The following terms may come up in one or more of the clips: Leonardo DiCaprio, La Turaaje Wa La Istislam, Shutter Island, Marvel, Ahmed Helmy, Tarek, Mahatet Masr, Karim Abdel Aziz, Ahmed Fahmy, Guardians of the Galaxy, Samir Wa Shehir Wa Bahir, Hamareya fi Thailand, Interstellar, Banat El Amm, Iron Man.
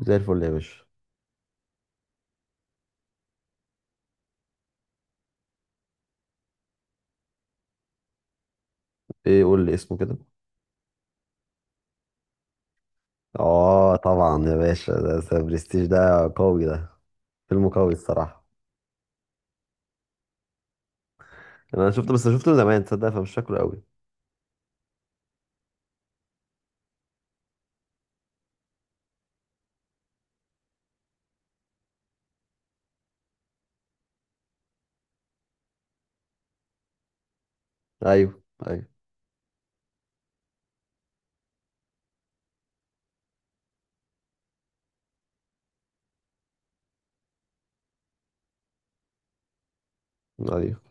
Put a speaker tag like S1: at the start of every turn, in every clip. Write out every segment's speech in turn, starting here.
S1: زي الفل يا باشا. ايه، قول لي اسمه كده؟ اه طبعا يا باشا، ده برستيج، ده قوي ده. فيلم قوي الصراحه. انا شفته، بس شفته زمان تصدق، فمش فاكره قوي. ايوه، ايوه، ايوه،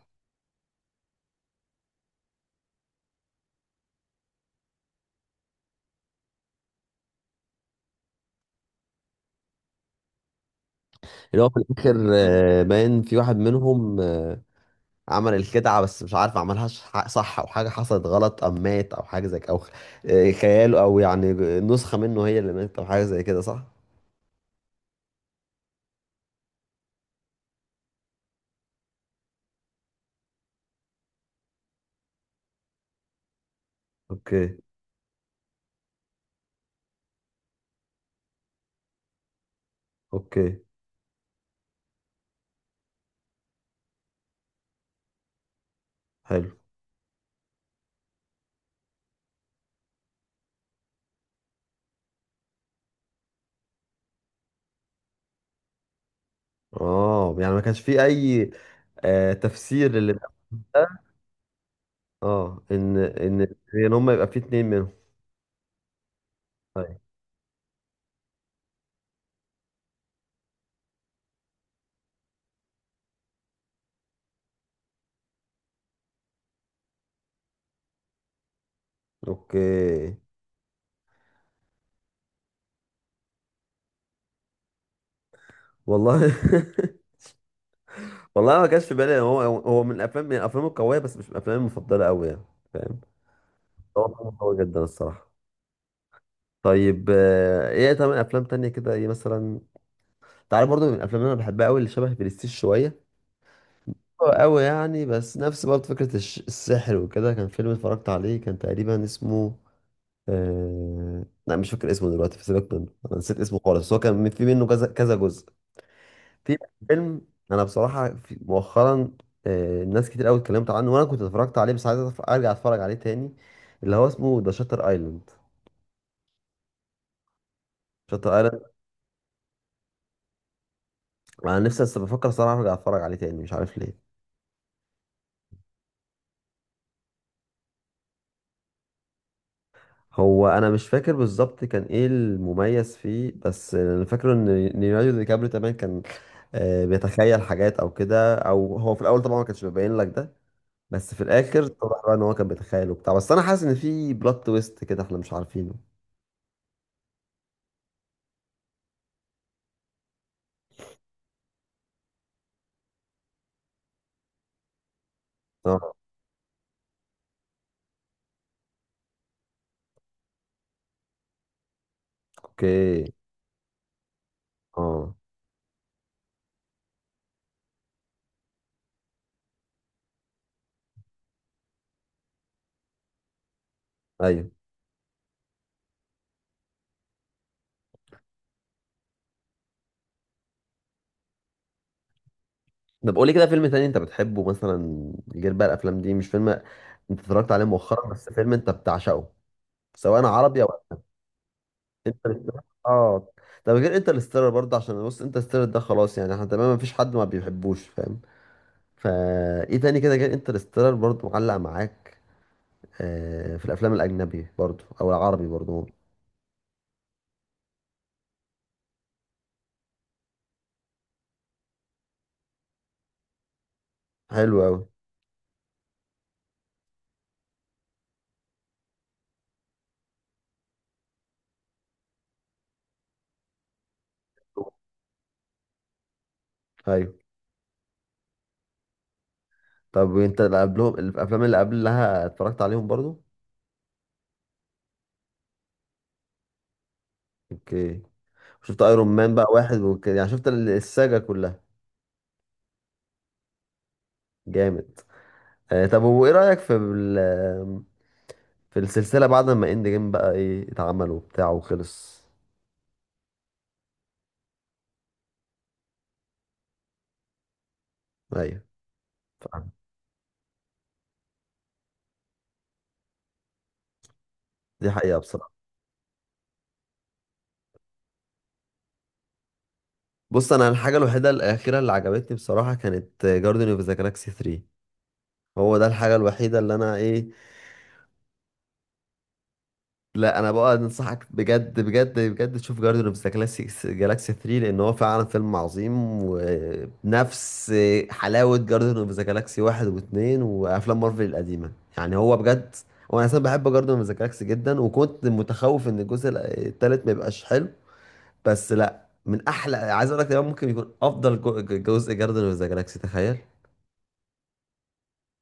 S1: اللي هو في الاخر باين في واحد منهم، عمل الخدعه، بس مش عارف عملها صح او حاجه حصلت غلط، ام مات او حاجه زي كده، او خياله او يعني نسخه منه هي اللي ماتت او حاجه زي كده، صح؟ اوكي. اوكي. حلو. اه، يعني ما كانش في اي تفسير للي. اه، ان هم يبقى في اتنين منهم. طيب. اوكي. والله. والله ما كانش في بالي، هو من الافلام القويه، بس مش من الافلام المفضله قوي يعني. فاهم. هو فيلم قوي جدا الصراحه. طيب، ايه تمام، افلام تانية كده ايه مثلا؟ تعالى برضو، من الافلام اللي انا بحبها قوي اللي شبه برستيج شويه. هو قوي يعني، بس نفس برضه فكره السحر وكده. كان فيلم اتفرجت عليه كان تقريبا اسمه لا، مش فاكر اسمه دلوقتي، في، سيبك منه، انا نسيت اسمه خالص، هو كان في منه كذا كذا جزء. في فيلم انا بصراحه في مؤخرا، ناس كتير قوي اتكلمت عنه، وانا كنت اتفرجت عليه بس عايز ارجع اتفرج عليه تاني، اللي هو اسمه ذا شاتر ايلاند. شاتر ايلاند. انا نفسي بس بفكر صراحه ارجع اتفرج عليه تاني، مش عارف ليه. هو انا مش فاكر بالظبط كان ايه المميز فيه، بس انا فاكره ان ليوناردو دي كابريو تمام كان بيتخيل حاجات او كده، او هو في الاول طبعا ما كانش بيبين لك ده. بس في الاخر طبعا بقى ان هو كان بيتخيل وبتاع، بس انا حاسس ان في بلوت تويست كده احنا مش عارفينه. اه. اوكي. اه. ايوه. طب قولي كده، فيلم تاني انت بتحبه مثلا، غير بقى الافلام دي، مش فيلم انت اتفرجت عليه مؤخرا، بس فيلم انت بتعشقه، سواء عربي او انترستيلر. اه. طب غير انترستيلر برضه، عشان بص، انترستيلر ده خلاص يعني، احنا تمام، مفيش حد ما بيحبوش، فاهم. فا ايه تاني كده غير انترستيلر برضه معلق معاك، في الافلام الاجنبي برضه او العربي برضه. حلو قوي. ايوه. طب وانت اللي قبلهم الافلام اللي قبلها اتفرجت عليهم برضه؟ اوكي. شفت ايرون مان بقى واحد وكده يعني، شفت الساجا كلها. جامد. طب، وايه رأيك في في السلسلة بعد ما اند جيم، بقى ايه اتعمل وبتاع وخلص؟ ايوه. فعلا. دي حقيقة بصراحة. بص، انا الحاجة الوحيدة الأخيرة اللي عجبتني بصراحة كانت جاردن اوف ذا جالاكسي 3، هو ده الحاجة الوحيدة اللي انا ايه. لا، انا بقى انصحك بجد بجد بجد تشوف جاردن اوف ذا جالاكسي 3، لان هو فعلا فيلم عظيم، وبنفس حلاوه جاردن اوف ذا جالاكسي 1 و2 وافلام مارفل القديمه، يعني هو بجد. وانا اصلا بحب جاردن اوف ذا جالاكسي جدا، وكنت متخوف ان الجزء الثالث ما يبقاش حلو، بس لا، من احلى، عايز اقول لك ده ممكن يكون افضل جزء جاردن اوف ذا جالاكسي، تخيل.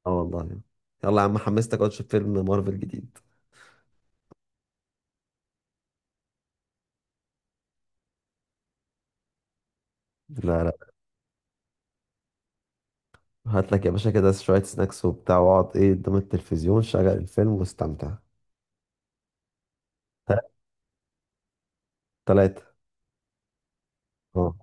S1: اه والله. يلا يا عم، حمستك اقعد تشوف فيلم مارفل جديد. لا، لا. هات لك يا باشا كده شوية سناكس وبتاع، واقعد ايه قدام التلفزيون، شغل الفيلم واستمتع. تلاتة. اه.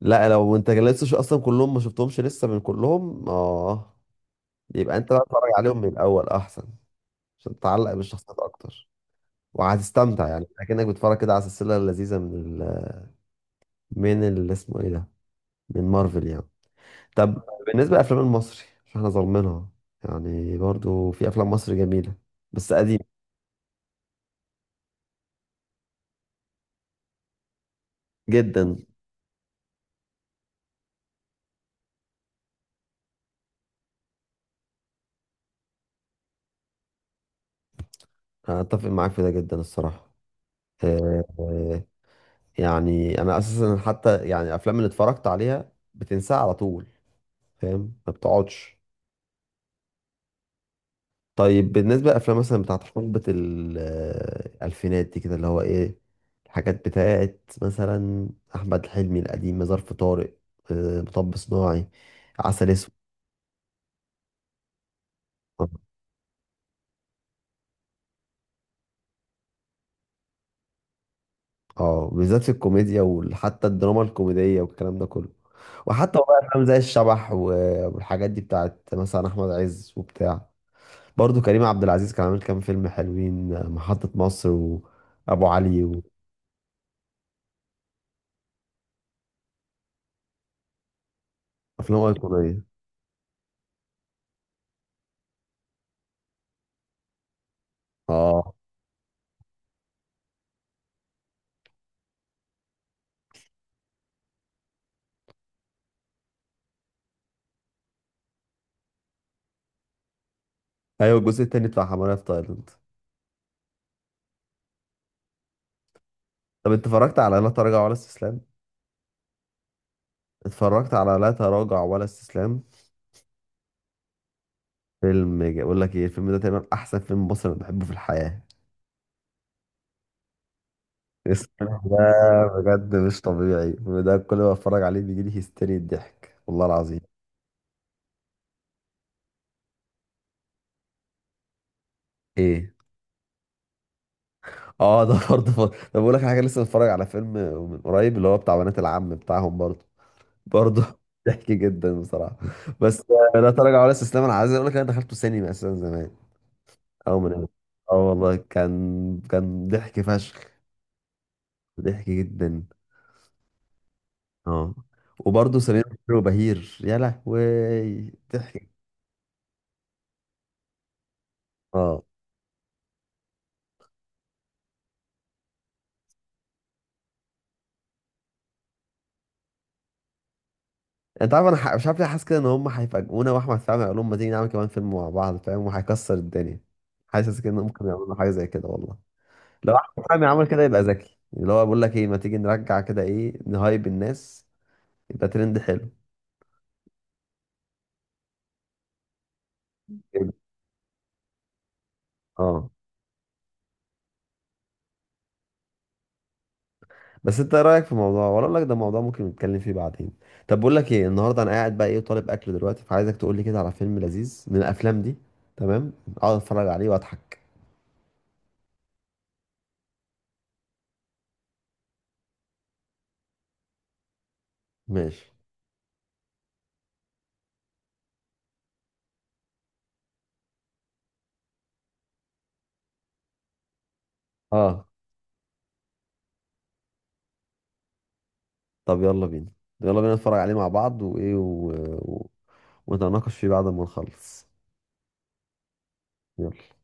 S1: لا، لو انت لسه اصلا كلهم ما شفتهمش لسه، من كلهم اه، يبقى انت بقى اتفرج عليهم من الاول احسن، عشان تتعلق بالشخصيات اكتر، وهتستمتع يعني اكنك بتتفرج كده على سلسله لذيذه من ال... من اللي اسمه ايه ده، من مارفل يعني. طب بالنسبه للافلام المصري، مش احنا ظالمينها؟ يعني برضو في افلام مصر جميله بس قديم جدا. انا اتفق معاك في ده جدا الصراحه. آه، آه، يعني انا اساسا، حتى يعني الافلام اللي اتفرجت عليها بتنساها على طول، فاهم، ما بتقعدش. طيب بالنسبه للافلام مثلا بتاعت حقبه الالفينات دي كده، اللي هو ايه، الحاجات بتاعت مثلا احمد حلمي القديم، ظرف طارق، مطب صناعي، عسل اسود. اه، بالذات في الكوميديا، وحتى الدراما الكوميديه والكلام ده كله، وحتى والله افلام زي الشبح والحاجات دي بتاعت مثلا احمد عز وبتاع، برضه كريم عبد العزيز كان عامل كام فيلم حلوين، محطة مصر، وأبو علي، وأفلام أيقونية. اه، أيوة الجزء التاني بتاع حمارية في تايلاند. طب أنت اتفرجت على لا تراجع ولا استسلام؟ اتفرجت على لا تراجع ولا استسلام. بقول لك ايه، الفيلم ده تقريبا أحسن فيلم مصري أنا بحبه في الحياة. الفيلم ده بجد مش طبيعي، الفيلم ده كل ما اتفرج عليه بيجي لي هيستيري الضحك والله العظيم. ايه. اه، ده برضه طب بقول لك حاجه، لسه متفرج على فيلم من قريب اللي هو بتاع بنات العم بتاعهم برضه، برضه. ضحك جدا بصراحه، بس لا تراجع ولا استسلام، انا عايز اقول لك انا دخلته سينما اساسا زمان، او من. اه والله، كان ضحك فشخ، ضحك جدا. اه، وبرضه سمير وشهير وبهير، يا لهوي ضحك. اه، انت عارف انا مش عارف ليه حاسس كده ان هم هيفاجئونا، واحمد فهمي هيقول لهم ما تيجي نعمل كمان فيلم مع بعض، فاهم، وهيكسر الدنيا. حاسس كده ان ممكن يعملوا حاجه زي كده والله. لو احمد فهمي عمل كده يبقى ذكي، اللي هو بقول لك ايه، ما تيجي نرجع كده، ايه، نهايب الناس، يبقى ترند حلو. كده. اه، بس انت ايه رايك في الموضوع، ولا اقول لك ده موضوع ممكن نتكلم فيه بعدين؟ طب بقول لك ايه، النهارده انا قاعد بقى ايه طالب اكل دلوقتي، فعايزك تقول لي كده على فيلم لذيذ من الافلام دي، تمام، اقعد اتفرج عليه واضحك. ماشي. اه، طب يلا بينا، يلا بينا نتفرج عليه مع بعض وايه و... ونتناقش فيه بعد ما نخلص. يلا.